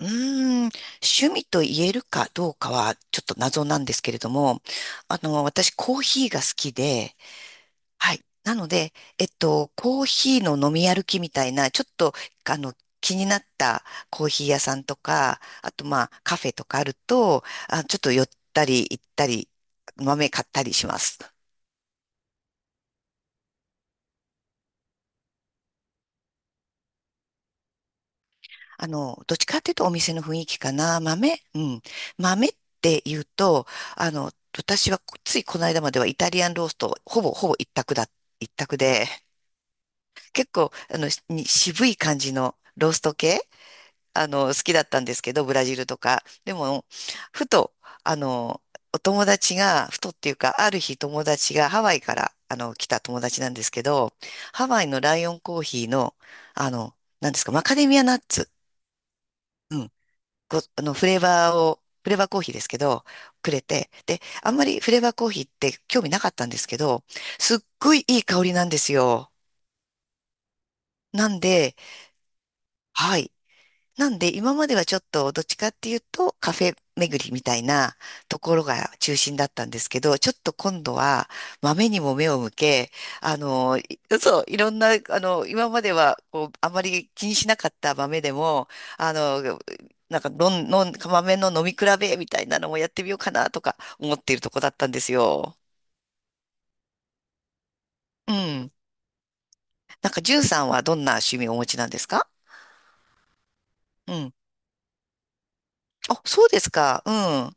うーん、趣味と言えるかどうかはちょっと謎なんですけれども、私コーヒーが好きで、はい。なので、コーヒーの飲み歩きみたいな、ちょっと、あの、気になったコーヒー屋さんとか、あとまあカフェとかあると、ちょっと寄ったり行ったり、豆買ったりします。どっちかっていうとお店の雰囲気かな。豆、うん。豆って言うと、私はついこの間まではイタリアンロースト、ほぼほぼ一択だ、一択で、結構、渋い感じのロースト系、好きだったんですけど、ブラジルとか。でも、ふと、あの、お友達が、ふとっていうか、ある日友達がハワイから、来た友達なんですけど、ハワイのライオンコーヒーの、あの、なんですか、マカデミアナッツ。うん、こあの、フレーバーを、フレーバーコーヒーですけど、くれて、で、あんまりフレーバーコーヒーって興味なかったんですけど、すっごいいい香りなんですよ。なんで、はい。なんで今まではちょっとどっちかっていうとカフェ巡りみたいなところが中心だったんですけど、ちょっと今度は豆にも目を向け、あの、いそう、いろんな、今まではこうあまり気にしなかった豆でも、あの、なんかのん、のん、豆の飲み比べみたいなのもやってみようかなとか思っているとこだったんですよ。うん。なんか、じゅんさんはどんな趣味をお持ちなんですか？うん。あ、そうですか。うん。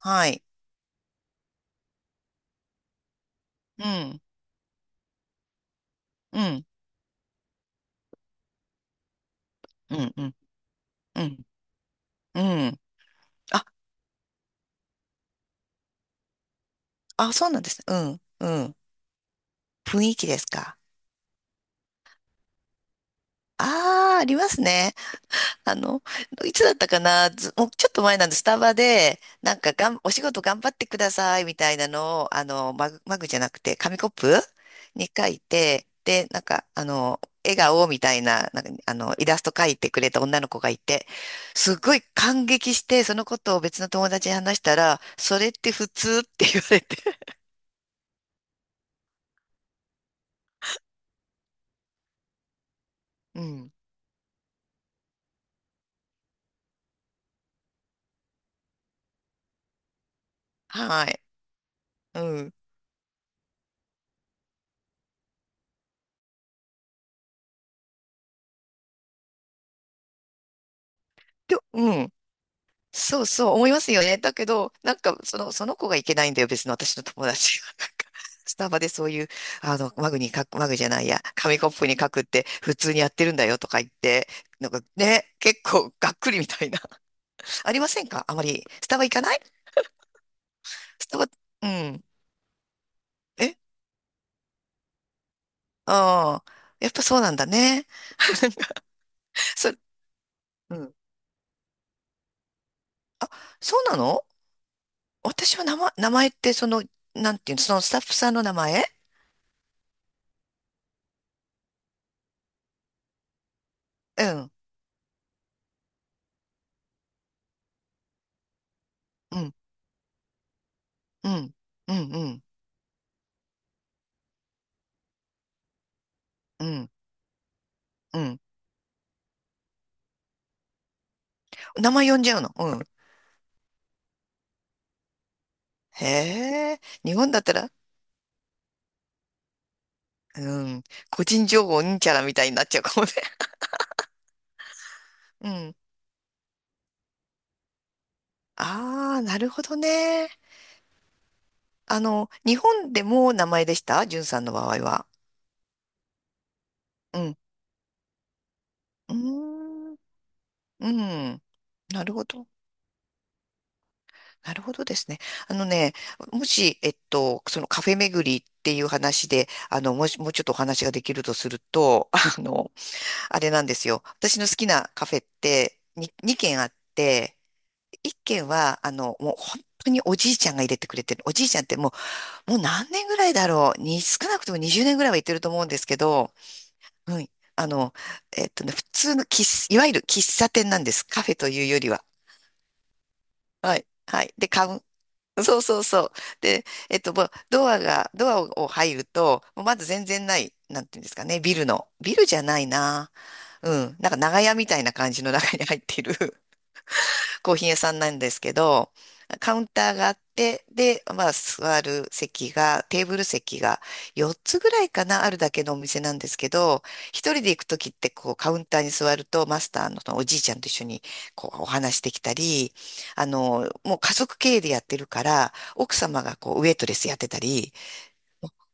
はい。うん。うん。うん。うん。うん、うん。あ、あ、そうなんですね。うん、うん。雰囲気ですか？ああ、ありますね。あの、いつだったかな、ずもうちょっと前なんで、スタバで、なんかがん、お仕事頑張ってくださいみたいなのを、マグじゃなくて、紙コップに書いて、で、なんか、笑顔みたいな、なんか、イラスト書いてくれた女の子がいて、すごい感激して、そのことを別の友達に話したら、それって普通って言われて。うん。はい。うんで、うん。そうそう思いますよね。だけど、なんか、その子がいけないんだよ。別の私の友達が。なんかスタバでそういう、あの、マグに書く、マグじゃないや、紙コップに書くって普通にやってるんだよとか言って、なんかね、結構がっくりみたいな。ありませんか？あまり。スタバ行かない？スタバ、うん。えああー、やっぱそうなんだね。そ、うん。あ、そうなの？私は名前ってその、なんていうの、そのスタッフさんの名前？うん、うん、うん、うん、うん、うん。うん。名前呼んじゃうの？うん。へえ。日本だったら、うん。個人情報うんちゃらみたいになっちゃうかもね。うん。ああ、なるほどね。日本でも名前でした？じゅんさんの場合は。うん。うーん。うん。なるほど。なるほどですね。あのね、もし、そのカフェ巡りっていう話で、もうちょっとお話ができるとすると、あの、あれなんですよ。私の好きなカフェって2、に二軒あって、一軒は、もう本当におじいちゃんが入れてくれてる。おじいちゃんってももう何年ぐらいだろう。少なくとも20年ぐらいは行ってると思うんですけど、うん。あの、普通の喫茶、いわゆる喫茶店なんです。カフェというよりは。はい。はい。で、カウン、そうそうそう。で、もうドアを入ると、もうまず全然ない、なんていうんですかね、ビルの。ビルじゃないな。うん。なんか長屋みたいな感じの中に入っているコーヒー屋さんなんですけど、カウンターがあって、で、まあ、座る席が、テーブル席が4つぐらいかな、あるだけのお店なんですけど、一人で行くときって、こう、カウンターに座ると、マスターのおじいちゃんと一緒に、こう、お話できたり、もう家族経営でやってるから、奥様がこう、ウェイトレスやってたり、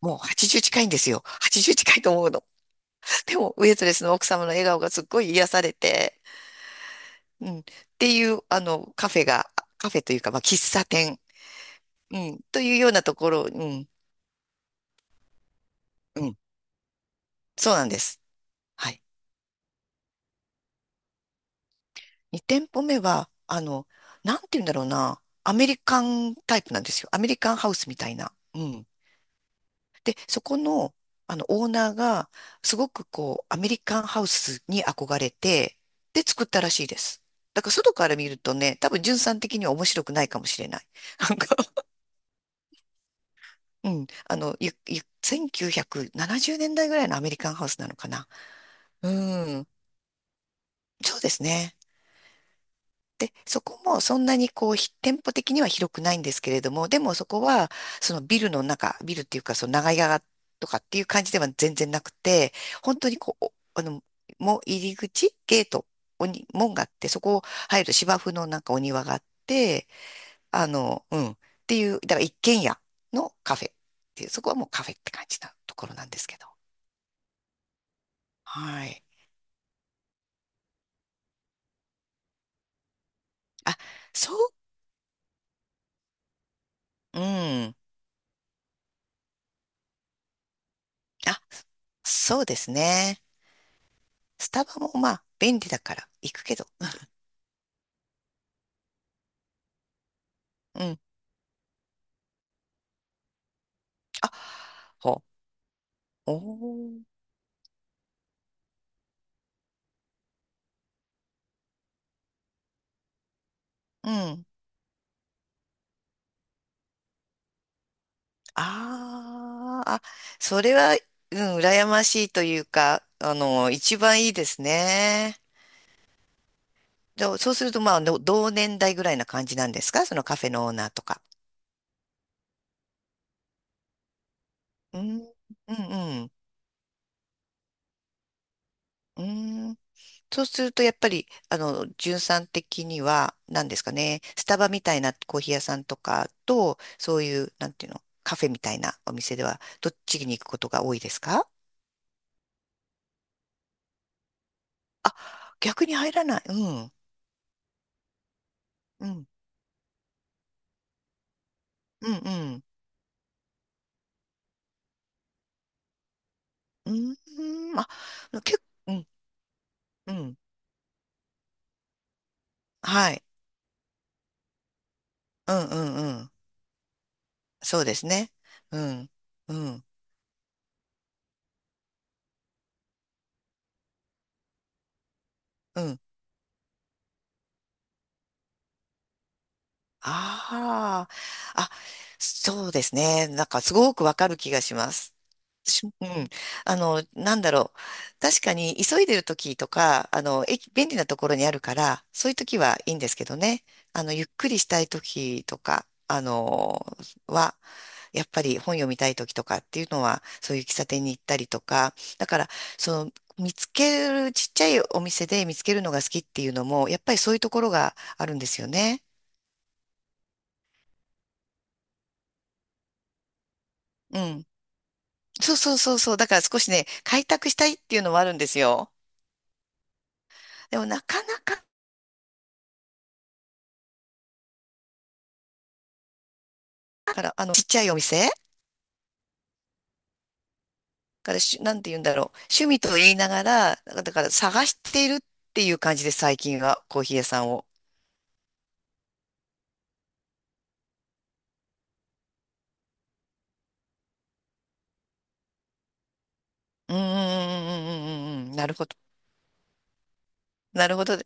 もう80近いんですよ。80近いと思うの。でも、ウェイトレスの奥様の笑顔がすっごい癒されて、うん。っていう、カフェというか、まあ、喫茶店、うん、というようなところ、うん、うん、そうなんです。はい。2店舗目は、なんて言うんだろうな、アメリカンタイプなんですよ。アメリカンハウスみたいな。うん。で、そこの、オーナーが、すごくこう、アメリカンハウスに憧れて、で、作ったらしいです。だから、外から見るとね、多分、純さん的には面白くないかもしれない。なんか、うん。あの、ゆ、ゆ、1970年代ぐらいのアメリカンハウスなのかな。うん。そうですね。で、そこもそんなにこう、店舗的には広くないんですけれども、でもそこは、ビルっていうか、その長屋とかっていう感じでは全然なくて、本当にこう、おあの、もう入り口、ゲート、おに、門があって、そこを入ると芝生のなんかお庭があって、うん。っていう、だから一軒家のカフェっていう、そこはもうカフェって感じなところなんですけど。はい。あ、そう、うん。あ、そうですね。スタバもまあ、便利だから行くけど。うん。あ、ほ、おー、うん。あーあ、それは、うん、羨ましいというか、一番いいですね。でそうすると、同年代ぐらいな感じなんですか？そのカフェのオーナーとか。うん、うん、うん。うん、そうすると、やっぱり、じゅんさん的には、何ですかね、スタバみたいなコーヒー屋さんとかと、そういう、なんていうの、カフェみたいなお店では、どっちに行くことが多いですか？あ、逆に入らない。うん。うん。うん。うん。うーん。あ、結構、うん。うん。はい。うんうんうん。そうですね。うん。うん。うん。ああ。あ、そうですね。なんかすごくわかる気がします。うん。なんだろう。確かに、急いでる時とか、駅、便利なところにあるから、そういう時はいいんですけどね。ゆっくりしたい時とか、は、やっぱり本読みたい時とかっていうのは、そういう喫茶店に行ったりとか、だから、その、見つける、ちっちゃいお店で見つけるのが好きっていうのも、やっぱりそういうところがあるんですよね。うん。そうそうそうそう。だから少しね、開拓したいっていうのもあるんですよ。でもなかなかから、あの、ちっちゃいお店からし、なんて言うんだろう。趣味と言いながら、だから探しているっていう感じです。最近はコーヒー屋さんを。うんうんうんうんうんうんうん。なるほど。なるほど。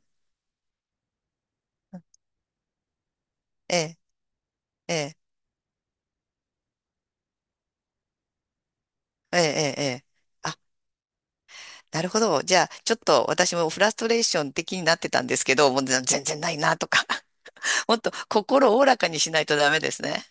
ええ、ええ、ええ、ええ。ええ、あ、なるほど。じゃあ、ちょっと私もフラストレーション的になってたんですけど、もう全然ないなとか。もっと心をおおらかにしないとダメですね。